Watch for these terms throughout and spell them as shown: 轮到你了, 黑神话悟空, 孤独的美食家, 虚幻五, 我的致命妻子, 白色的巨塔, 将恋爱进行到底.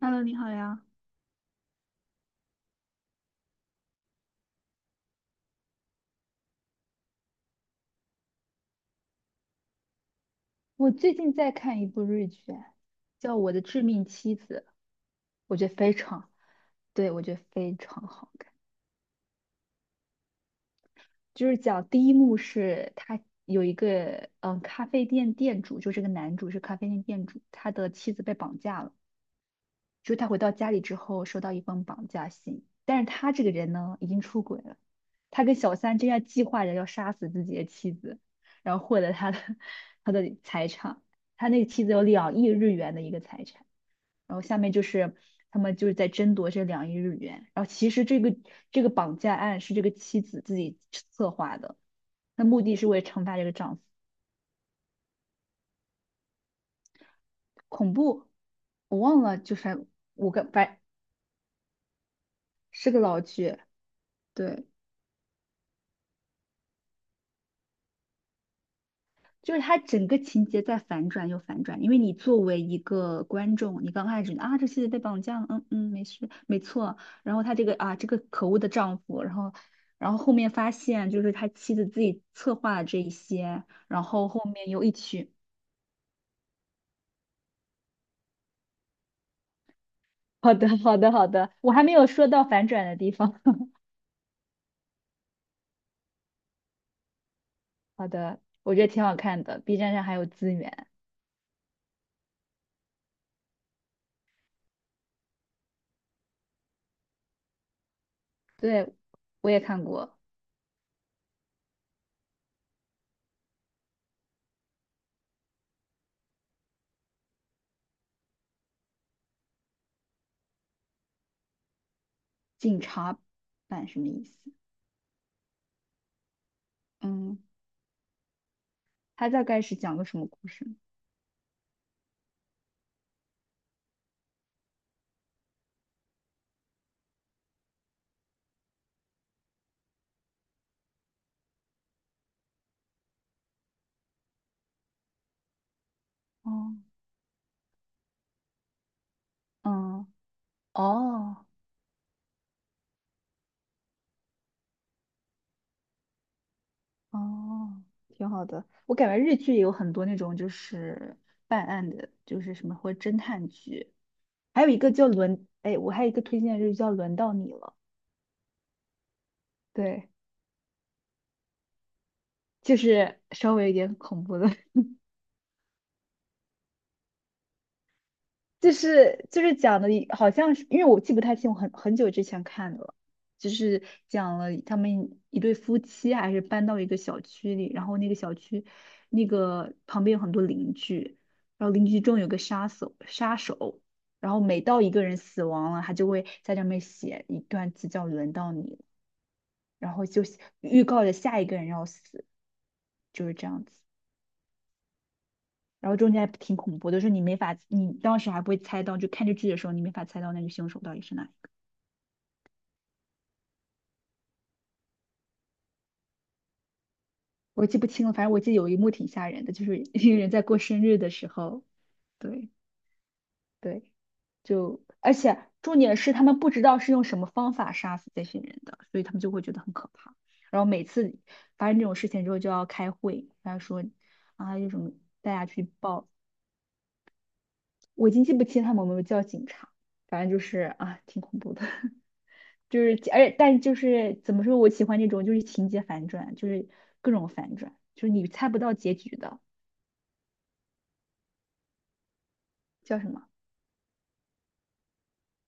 Hello，你好呀，我最近在看一部日剧，叫《我的致命妻子》，我觉得非常，对，我觉得非常好看。就是讲第一幕是他有一个咖啡店店主，就是这个男主是咖啡店店主，他的妻子被绑架了。就是他回到家里之后收到一封绑架信，但是他这个人呢已经出轨了，他跟小三正在计划着要杀死自己的妻子，然后获得他的财产，他那个妻子有两亿日元的一个财产，然后下面就是他们在争夺这两亿日元，然后其实这个绑架案是这个妻子自己策划的，那目的是为了惩罚这个丈夫，恐怖，我忘了，就是我个反是个老剧，对。就是他整个情节在反转又反转，因为你作为一个观众，你刚开始啊，这妻子被绑架了，嗯嗯，没事，没错。然后他这个啊，这个可恶的丈夫，然后，然后后面发现就是他妻子自己策划了这一些，然后后面又一曲。好的，好的，好的，我还没有说到反转的地方。好的，我觉得挺好看的，B 站上还有资源。对，我也看过警察版，什么意思？嗯，他大概是讲个什么故事哦。嗯，哦，哦，挺好的。我感觉日剧也有很多那种就是办案的，就是什么或者侦探剧，还有一个叫轮，哎，我还有一个推荐的日剧叫《轮到你了》，对，就是稍微有点恐怖的，就是讲的，好像是因为我记不太清，我很久之前看的了，就是讲了他们一对夫妻还是搬到一个小区里，然后那个小区那个旁边有很多邻居，然后邻居中有个杀手，然后每到一个人死亡了，他就会在上面写一段字叫“轮到你了”，然后就写预告着下一个人要死，就是这样子。然后中间还挺恐怖的，就是你没法，你当时还不会猜到，就看这剧的时候，你没法猜到那个凶手到底是哪里。我记不清了，反正我记得有一幕挺吓人的，就是一个人在过生日的时候，对对，就而且重点是他们不知道是用什么方法杀死这些人的，所以他们就会觉得很可怕。然后每次发生这种事情之后就要开会，然后说啊，有什么大家去报，我已经记不清他们有没有叫警察，反正就是啊，挺恐怖的。就是，而且，但就是怎么说，我喜欢那种就是情节反转，就是各种反转，就是你猜不到结局的，叫什么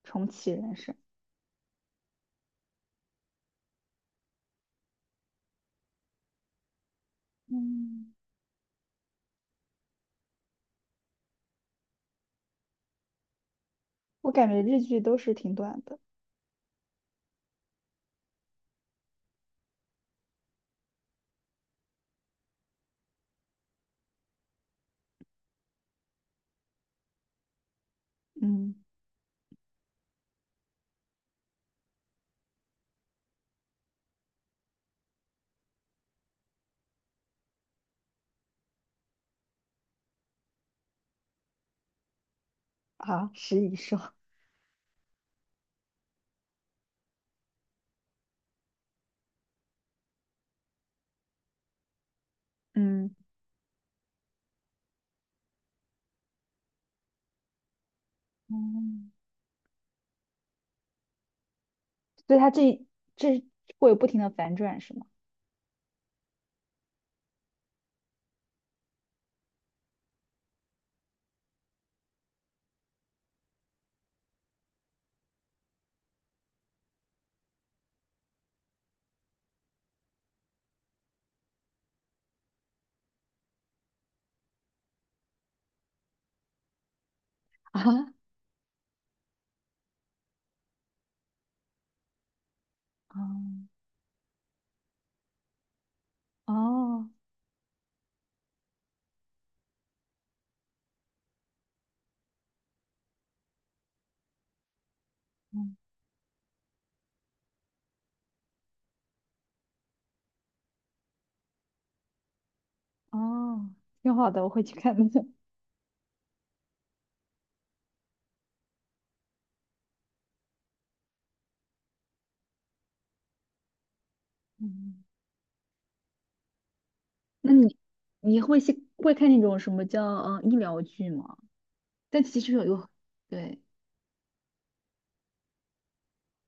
重启人生。嗯，我感觉日剧都是挺短的。嗯啊，食蚁兽。嗯，嗯，所以它这会有不停的反转是吗？啊，哦哦，嗯哦，挺好的，我会去看的。嗯，那你会去，会看那种什么叫嗯、医疗剧吗？但其实有对。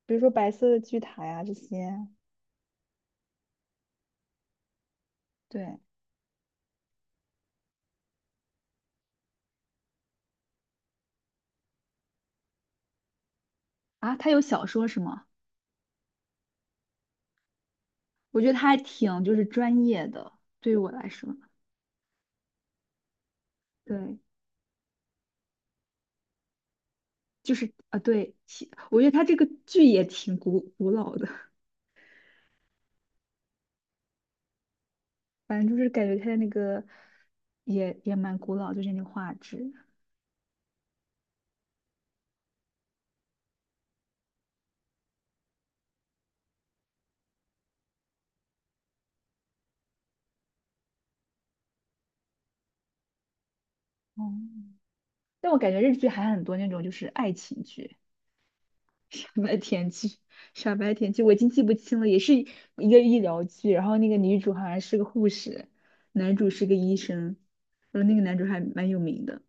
比如说白色的巨塔呀这些。对啊，他有小说是吗？我觉得他还挺就是专业的，对于我来说，对，就是啊，对，其我觉得他这个剧也挺古老的，反正就是感觉他的那个也蛮古老，就是那个画质。哦，但我感觉日剧还很多那种就是爱情剧，傻白甜剧，傻白甜剧，我已经记不清了，也是一个医疗剧。然后那个女主好像是个护士，男主是个医生，然后那个男主还蛮有名的。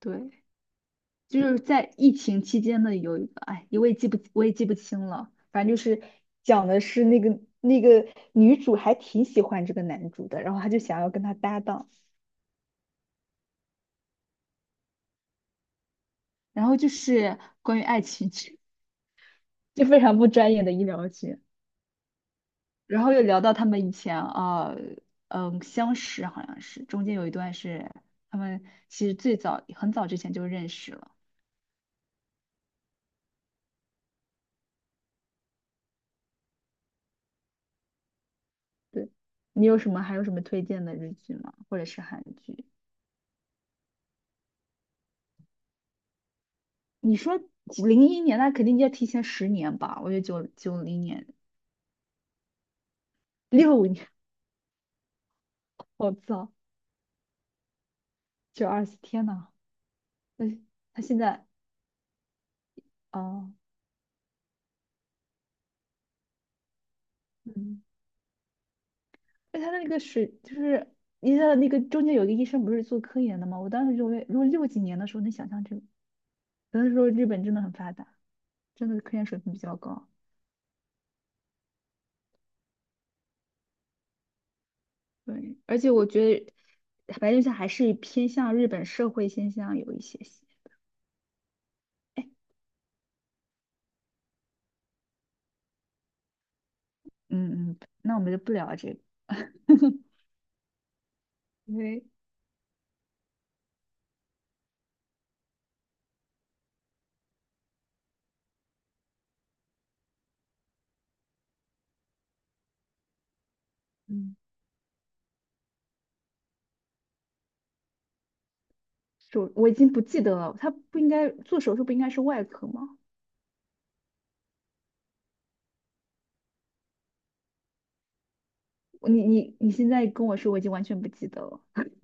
对，就是在疫情期间的有一个，哎，我也记不清了。反正就是讲的是那个女主还挺喜欢这个男主的，然后她就想要跟他搭档，然后就是关于爱情剧，就非常不专业的医疗剧。然后又聊到他们以前啊，嗯，相识好像是，中间有一段是他们其实最早很早之前就认识了。对，你有什么还有什么推荐的日剧吗？或者是韩剧？你说零一年，那肯定要提前十年吧？我觉得九九零年、六五年，我操，九二四，天呐，那他现在哦，嗯，那他那个水就是。你知道那个中间有一个医生不是做科研的吗？我当时就为，如果六几年的时候能想象这个。只能说日本真的很发达，真的科研水平比较高。对，而且我觉得白内障还是偏向日本社会现象有一些些。嗯嗯，那我们就不聊这个，因为嗯，手我已经不记得了，他不应该做手术，不应该是外科吗？我你现在跟我说，我已经完全不记得了。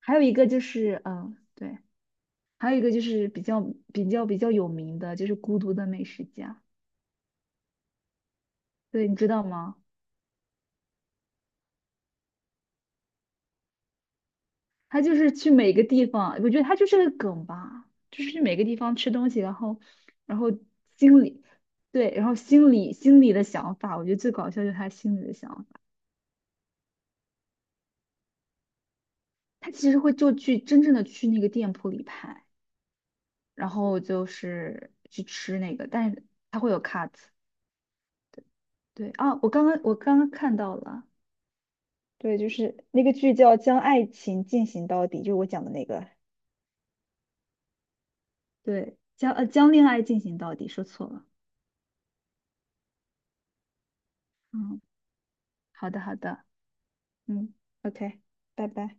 还有一个就是，嗯，对，还有一个就是比较有名的，就是《孤独的美食家》，对，你知道吗？他就是去每个地方，我觉得他就是个梗吧，就是去每个地方吃东西，然后，然后心里，对，然后心里的想法，我觉得最搞笑就是他心里的想法。他其实会就去真正的去那个店铺里拍，然后就是去吃那个，但是他会有 cut。对啊，我刚刚看到了，对，就是那个剧叫《将爱情进行到底》，就是我讲的那个。对，将将恋爱进行到底，说错了。嗯，好的好的。嗯，OK，拜拜。